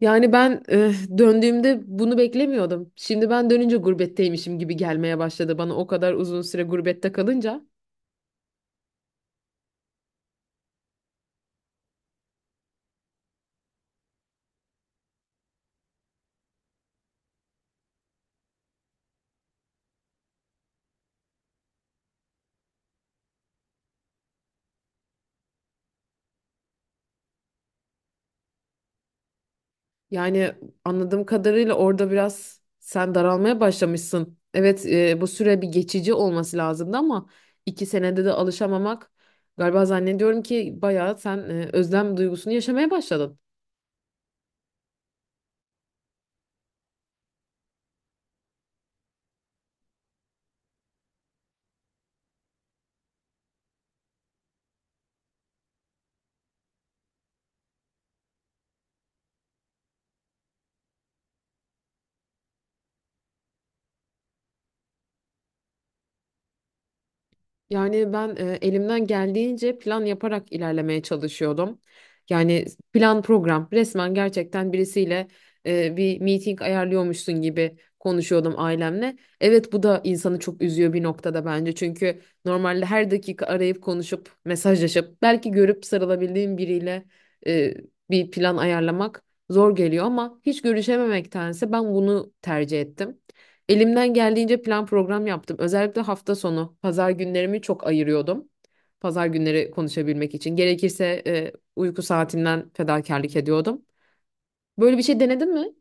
Yani ben döndüğümde bunu beklemiyordum. Şimdi ben dönünce gurbetteymişim gibi gelmeye başladı bana o kadar uzun süre gurbette kalınca. Yani anladığım kadarıyla orada biraz sen daralmaya başlamışsın. Evet bu süre bir geçici olması lazımdı ama 2 senede de alışamamak galiba zannediyorum ki bayağı sen özlem duygusunu yaşamaya başladın. Yani ben elimden geldiğince plan yaparak ilerlemeye çalışıyordum. Yani plan program resmen gerçekten birisiyle bir meeting ayarlıyormuşsun gibi konuşuyordum ailemle. Evet bu da insanı çok üzüyor bir noktada bence. Çünkü normalde her dakika arayıp konuşup mesajlaşıp belki görüp sarılabildiğim biriyle e, bir plan ayarlamak zor geliyor ama hiç görüşememektense ben bunu tercih ettim. Elimden geldiğince plan program yaptım. Özellikle hafta sonu pazar günlerimi çok ayırıyordum. Pazar günleri konuşabilmek için. Gerekirse uyku saatimden fedakarlık ediyordum. Böyle bir şey denedin mi?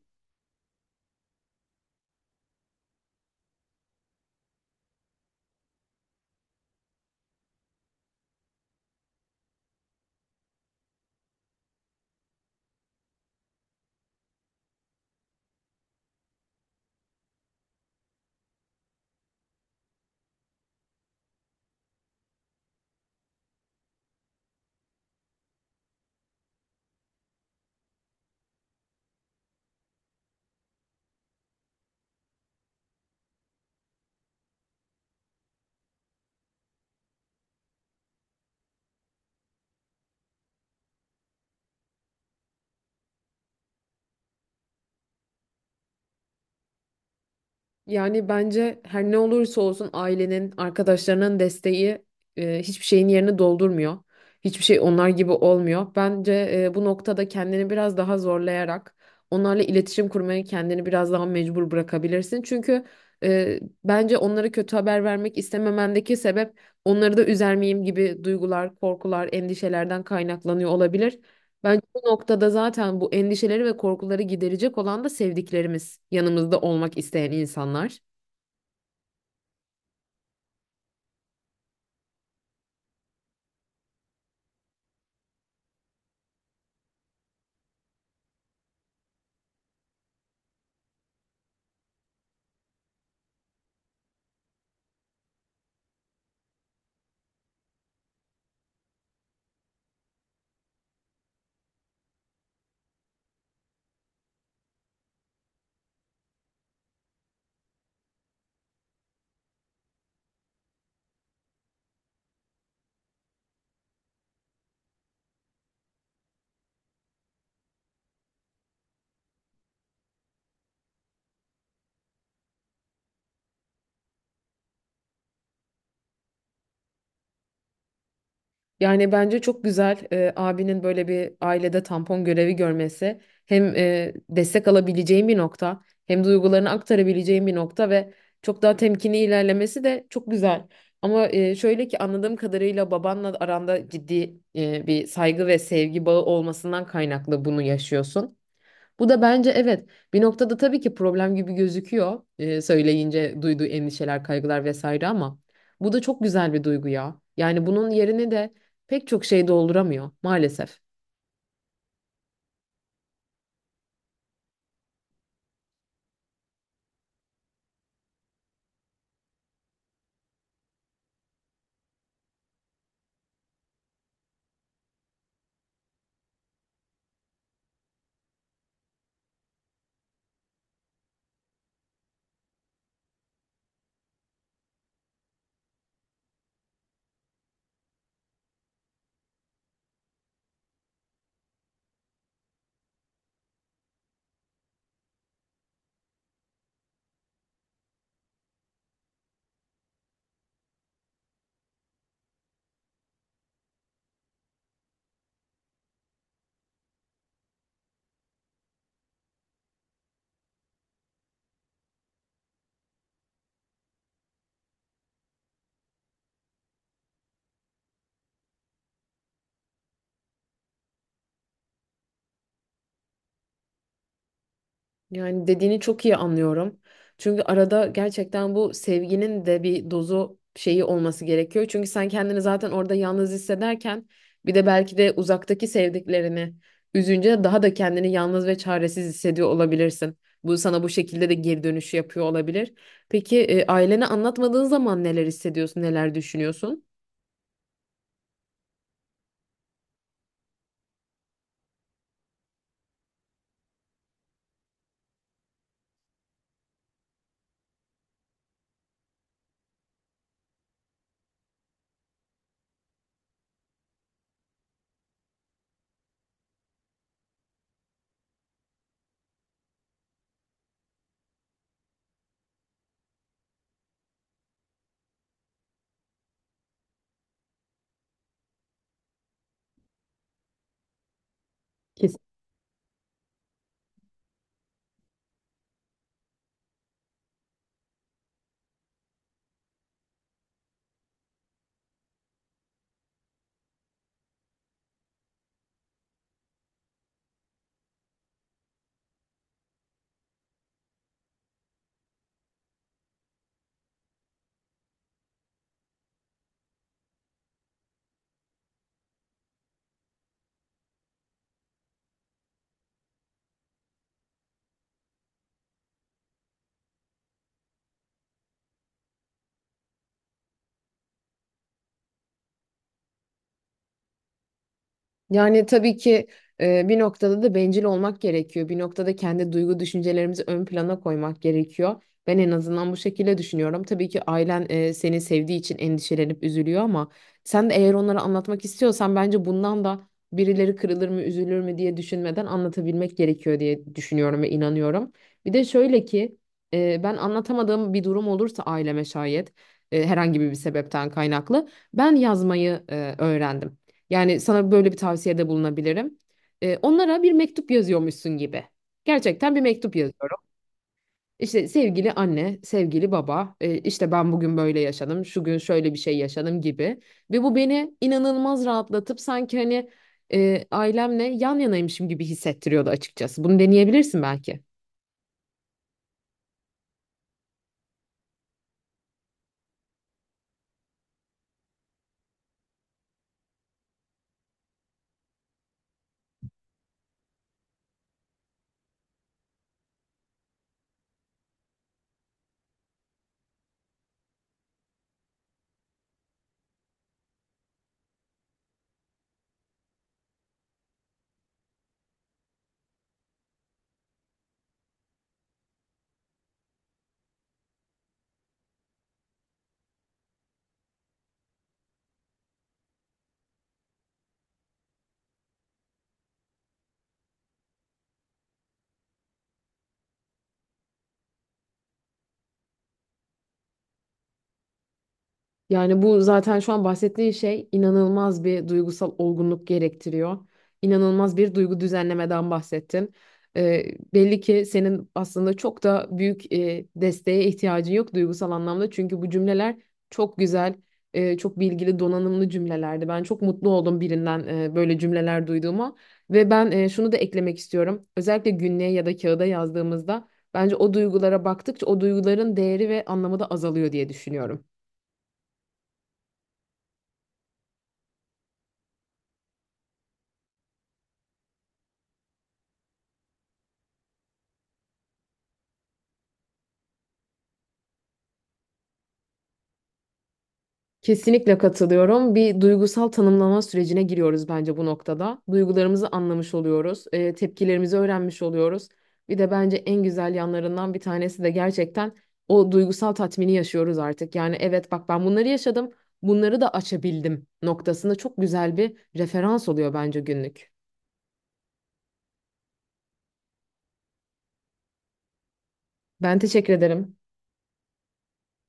Yani bence her ne olursa olsun ailenin, arkadaşlarının desteği hiçbir şeyin yerini doldurmuyor. Hiçbir şey onlar gibi olmuyor. Bence bu noktada kendini biraz daha zorlayarak onlarla iletişim kurmaya kendini biraz daha mecbur bırakabilirsin. Çünkü bence onlara kötü haber vermek istememendeki sebep onları da üzer miyim gibi duygular, korkular, endişelerden kaynaklanıyor olabilir. Bence bu noktada zaten bu endişeleri ve korkuları giderecek olan da sevdiklerimiz, yanımızda olmak isteyen insanlar. Yani bence çok güzel abinin böyle bir ailede tampon görevi görmesi. Hem destek alabileceğim bir nokta, hem duygularını aktarabileceğim bir nokta ve çok daha temkinli ilerlemesi de çok güzel. Ama şöyle ki anladığım kadarıyla babanla aranda ciddi bir saygı ve sevgi bağı olmasından kaynaklı bunu yaşıyorsun. Bu da bence evet bir noktada tabii ki problem gibi gözüküyor söyleyince duyduğu endişeler, kaygılar vesaire ama bu da çok güzel bir duygu ya. Yani bunun yerini de pek çok şey dolduramıyor maalesef. Yani dediğini çok iyi anlıyorum. Çünkü arada gerçekten bu sevginin de bir dozu şeyi olması gerekiyor. Çünkü sen kendini zaten orada yalnız hissederken bir de belki de uzaktaki sevdiklerini üzünce daha da kendini yalnız ve çaresiz hissediyor olabilirsin. Bu sana bu şekilde de geri dönüşü yapıyor olabilir. Peki ailene anlatmadığın zaman neler hissediyorsun, neler düşünüyorsun? Yani tabii ki bir noktada da bencil olmak gerekiyor. Bir noktada kendi duygu düşüncelerimizi ön plana koymak gerekiyor. Ben en azından bu şekilde düşünüyorum. Tabii ki ailen seni sevdiği için endişelenip üzülüyor ama sen de eğer onlara anlatmak istiyorsan bence bundan da birileri kırılır mı, üzülür mü diye düşünmeden anlatabilmek gerekiyor diye düşünüyorum ve inanıyorum. Bir de şöyle ki ben anlatamadığım bir durum olursa aileme şayet herhangi bir sebepten kaynaklı ben yazmayı öğrendim. Yani sana böyle bir tavsiyede bulunabilirim. Onlara bir mektup yazıyormuşsun gibi. Gerçekten bir mektup yazıyorum. İşte sevgili anne, sevgili baba, işte ben bugün böyle yaşadım, şu gün şöyle bir şey yaşadım gibi. Ve bu beni inanılmaz rahatlatıp sanki hani ailemle yan yanaymışım gibi hissettiriyordu açıkçası. Bunu deneyebilirsin belki. Yani bu zaten şu an bahsettiğin şey inanılmaz bir duygusal olgunluk gerektiriyor. İnanılmaz bir duygu düzenlemeden bahsettin. Ee, Belli ki senin aslında çok da büyük desteğe ihtiyacın yok duygusal anlamda. Çünkü bu cümleler çok güzel, çok bilgili, donanımlı cümlelerdi. Ben çok mutlu oldum birinden böyle cümleler duyduğuma. Ve ben şunu da eklemek istiyorum. Özellikle günlüğe ya da kağıda yazdığımızda bence o duygulara baktıkça o duyguların değeri ve anlamı da azalıyor diye düşünüyorum. Kesinlikle katılıyorum. Bir duygusal tanımlama sürecine giriyoruz bence bu noktada. Duygularımızı anlamış oluyoruz, tepkilerimizi öğrenmiş oluyoruz. Bir de bence en güzel yanlarından bir tanesi de gerçekten o duygusal tatmini yaşıyoruz artık. Yani evet bak ben bunları yaşadım, bunları da açabildim noktasında çok güzel bir referans oluyor bence günlük. Ben teşekkür ederim.